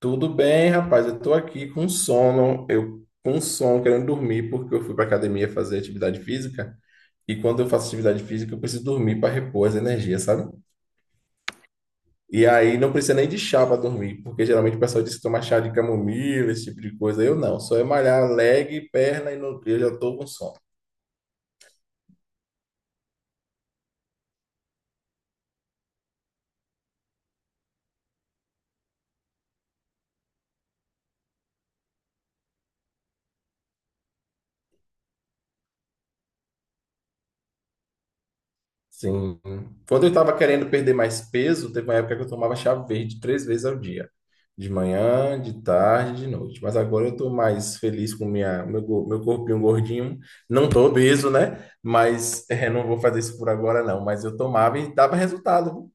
Tudo bem, rapaz? Eu tô aqui com sono, eu com sono, querendo dormir, porque eu fui pra academia fazer atividade física. E quando eu faço atividade física, eu preciso dormir para repor as energias, sabe? E aí não precisa nem de chá para dormir, porque geralmente o pessoal diz que toma chá de camomila, esse tipo de coisa. Eu não, só é malhar leg, perna e eu já tô com sono. Sim. Quando eu estava querendo perder mais peso, teve uma época que eu tomava chá verde 3 vezes ao dia. De manhã, de tarde, de noite. Mas agora eu estou mais feliz com meu corpinho gordinho. Não tô obeso, né? Mas não vou fazer isso por agora, não. Mas eu tomava e dava resultado.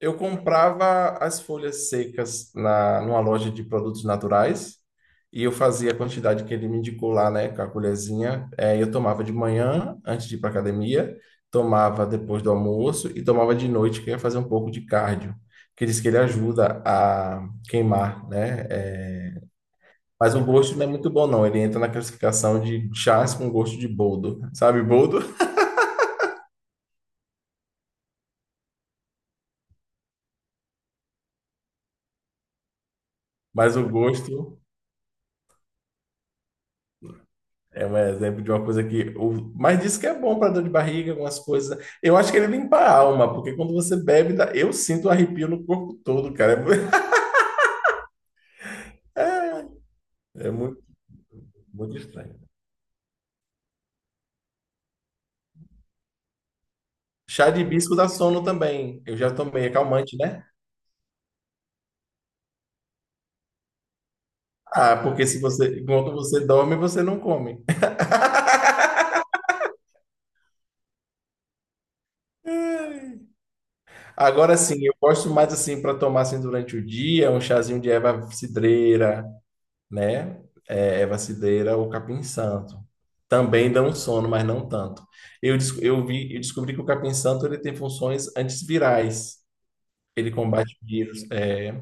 Eu comprava as folhas secas numa loja de produtos naturais e eu fazia a quantidade que ele me indicou lá, né, com a colherzinha. É, eu tomava de manhã, antes de ir para academia, tomava depois do almoço e tomava de noite, que eu ia fazer um pouco de cardio, que diz que ele ajuda a queimar, né? Mas o gosto não é muito bom, não. Ele entra na classificação de chás com gosto de boldo, sabe, boldo? Mas o gosto. É um exemplo de uma coisa que. Mas diz que é bom para dor de barriga, algumas coisas. Eu acho que ele limpa a alma, porque quando você bebe, eu sinto um arrepio no corpo todo, cara. É É muito, muito estranho. Chá de hibisco dá sono também. Eu já tomei, é calmante, né? Ah, porque se você, enquanto você dorme, você não come. Agora sim, eu gosto mais assim para tomar assim durante o dia, um chazinho de erva cidreira, né? É vacideira ou capim-santo. Também dão sono, mas não tanto. Eu descobri que o capim-santo ele tem funções antivirais. Ele combate vírus,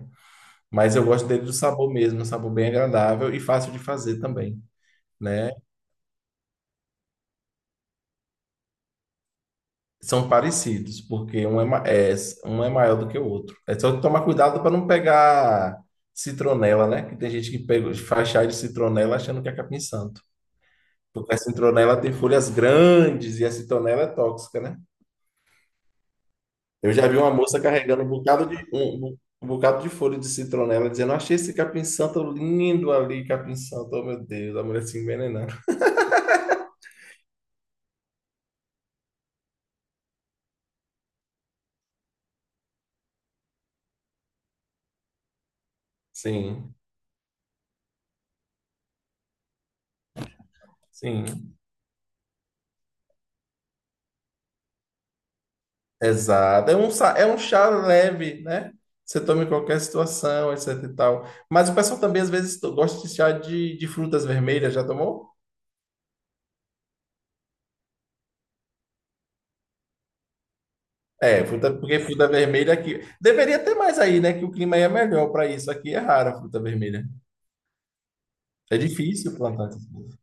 mas eu gosto dele do sabor mesmo, um sabor bem agradável e fácil de fazer também, né? São parecidos, porque um é maior do que o outro. É só tomar cuidado para não pegar citronela, né? Que tem gente que pega, faz chá de citronela achando que é capim-santo. Porque a citronela tem folhas grandes e a citronela é tóxica, né? Eu já vi uma moça carregando um bocado de bocado de folha de citronela, dizendo: Achei esse capim-santo lindo ali, capim-santo, oh meu Deus, a mulher se envenenando. Sim, sim, exato. É um chá leve, né? Você toma em qualquer situação, etc e tal. Mas o pessoal também, às vezes, gosta de chá de frutas vermelhas, já tomou? É, fruta, porque fruta vermelha aqui. Deveria ter mais aí, né? Que o clima aí é melhor para isso. Aqui é rara a fruta vermelha. É difícil plantar essas folhas.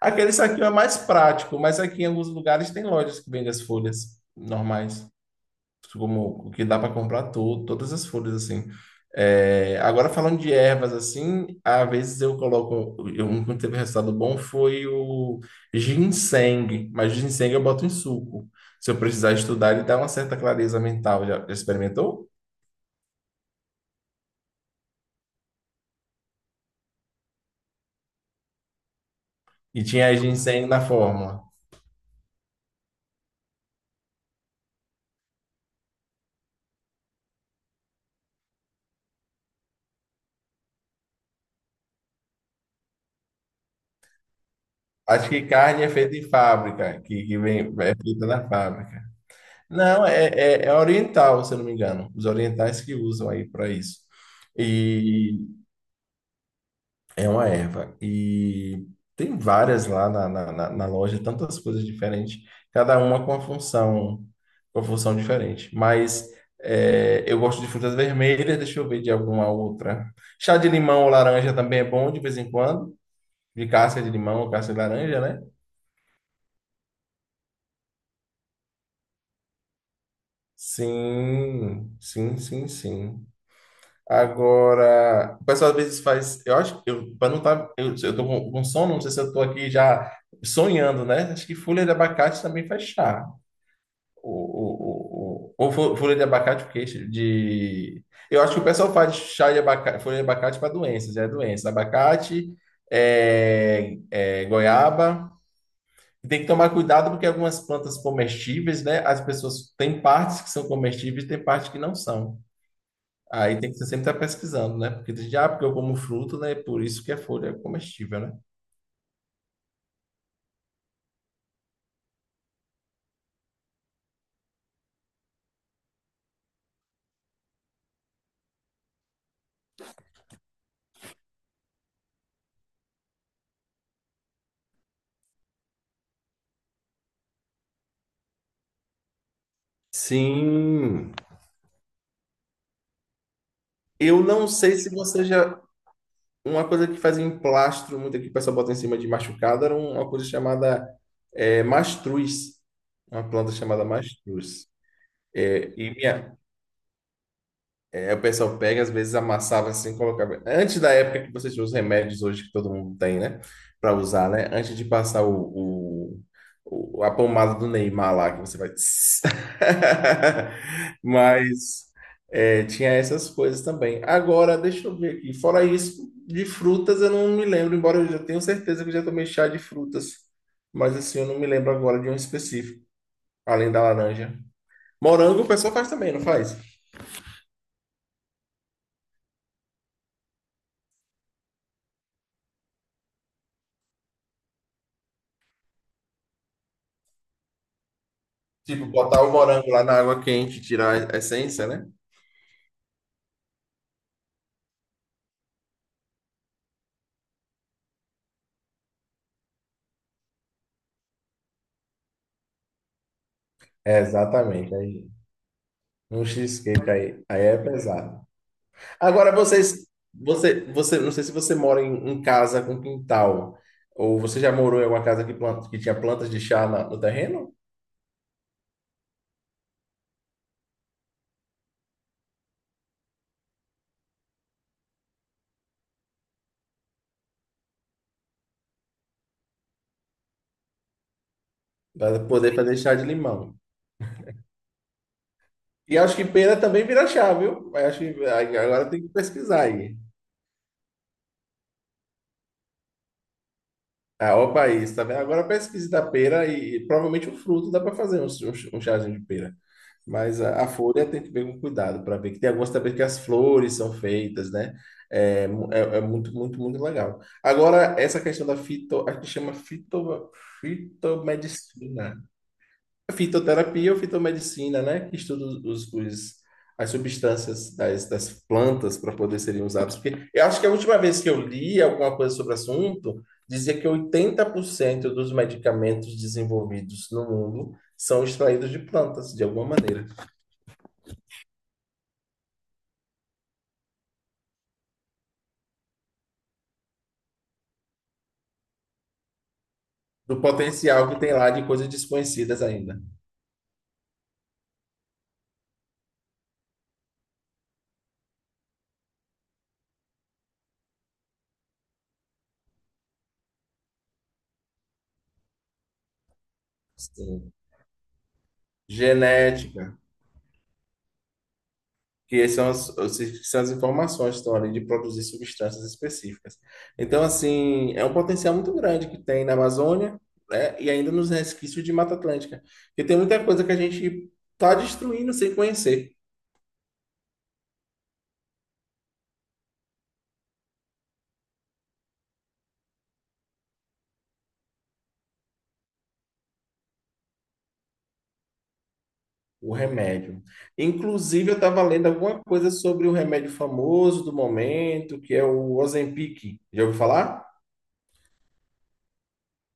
Aquele saquinho é mais prático, mas aqui em alguns lugares tem lojas que vendem as folhas normais, como o que dá para comprar todas as folhas assim. É, agora falando de ervas assim, às vezes um que teve resultado bom foi o ginseng, mas ginseng eu boto em suco. Se eu precisar estudar, ele dá uma certa clareza mental. Já experimentou? E tinha ginseng na fórmula. Acho que carne é feita em fábrica, que vem, é feita na fábrica. Não, é oriental, se eu não me engano. Os orientais que usam aí para isso. E é uma erva. E tem várias lá na loja, tantas coisas diferentes, cada uma com a função diferente. Mas eu gosto de frutas vermelhas, deixa eu ver de alguma outra. Chá de limão ou laranja também é bom de vez em quando. De casca de limão ou casca de laranja, né? Sim, sim, sim, sim. Agora, o pessoal às vezes faz. Eu acho que eu, para não estar. Eu tô com sono, não sei se eu tô aqui já sonhando, né? Acho que folha de abacate também faz chá. Ou, ou folha de abacate, porque de. Eu acho que o pessoal faz chá de abacate, folha de abacate para doenças, é doença. Abacate, goiaba. Tem que tomar cuidado porque algumas plantas comestíveis, né? As pessoas têm partes que são comestíveis, tem partes que não são. Aí tem que sempre estar pesquisando, né? Porque diz, ah, porque eu como fruto, né? Por isso que a folha é comestível, né? Sim. Eu não sei se você já. Uma coisa que fazia em plastro, muito aqui que o pessoal bota em cima de machucado, era uma coisa chamada mastruz. Uma planta chamada mastruz. É, e minha, aí o pessoal pega, às vezes amassava assim, colocava. Antes da época que você tinha os remédios hoje que todo mundo tem, né? Pra usar, né? Antes de passar a pomada do Neymar lá, que você vai. Tss. Mas tinha essas coisas também. Agora, deixa eu ver aqui. Fora isso, de frutas eu não me lembro, embora eu já tenha certeza que eu já tomei chá de frutas. Mas assim, eu não me lembro agora de um específico, além da laranja. Morango o pessoal faz também, não faz? Tipo, botar o morango lá na água quente, tirar a essência, né? É, exatamente. Aí, um cheesecake aí, é pesado. Agora você, não sei se você mora em casa com quintal, ou você já morou em alguma casa que, planta, que tinha plantas de chá no terreno, para poder fazer chá de limão. E acho que pera também vira chá, viu? Mas acho que aí agora tem que pesquisar aí. Ah, ó, o país, tá vendo? Agora a pesquisa da pera e provavelmente o fruto dá para fazer um chazinho de pera. Mas a folha tem que ver com cuidado para ver que tem algumas também que as flores são feitas, né? É muito, muito, muito legal. Agora, essa questão da fito, a gente chama fito, fitomedicina, fitoterapia ou fitomedicina, né? Que estuda as substâncias das plantas para poder serem usadas. Porque eu acho que a última vez que eu li alguma coisa sobre o assunto, dizia que 80% dos medicamentos desenvolvidos no mundo são extraídos de plantas, de alguma maneira. Do potencial que tem lá de coisas desconhecidas ainda. Sim. Genética. Que são as informações que estão ali de produzir substâncias específicas. Então, assim, é um potencial muito grande que tem na Amazônia, né, e ainda nos resquícios de Mata Atlântica, porque tem muita coisa que a gente está destruindo sem conhecer. O remédio. Inclusive, eu estava lendo alguma coisa sobre o remédio famoso do momento, que é o Ozempic. Já ouviu falar?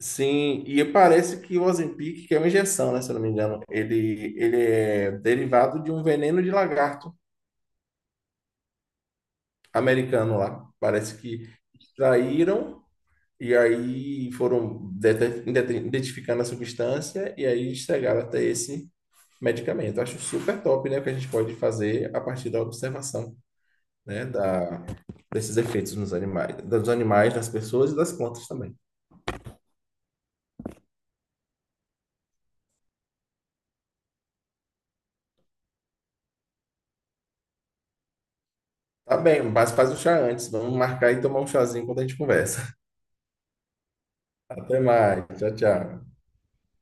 Sim, e parece que o Ozempic, que é uma injeção, né, se eu não me engano, ele é derivado de um veneno de lagarto americano lá. Parece que extraíram e aí foram identificando a substância e aí chegaram até esse medicamento. Acho super top, né, o que a gente pode fazer a partir da observação, né, desses efeitos nos animais, dos animais, das pessoas e das plantas também. Tá bem, mas faz o chá antes. Vamos marcar e tomar um chazinho quando a gente conversa. Até mais. Tchau, tchau.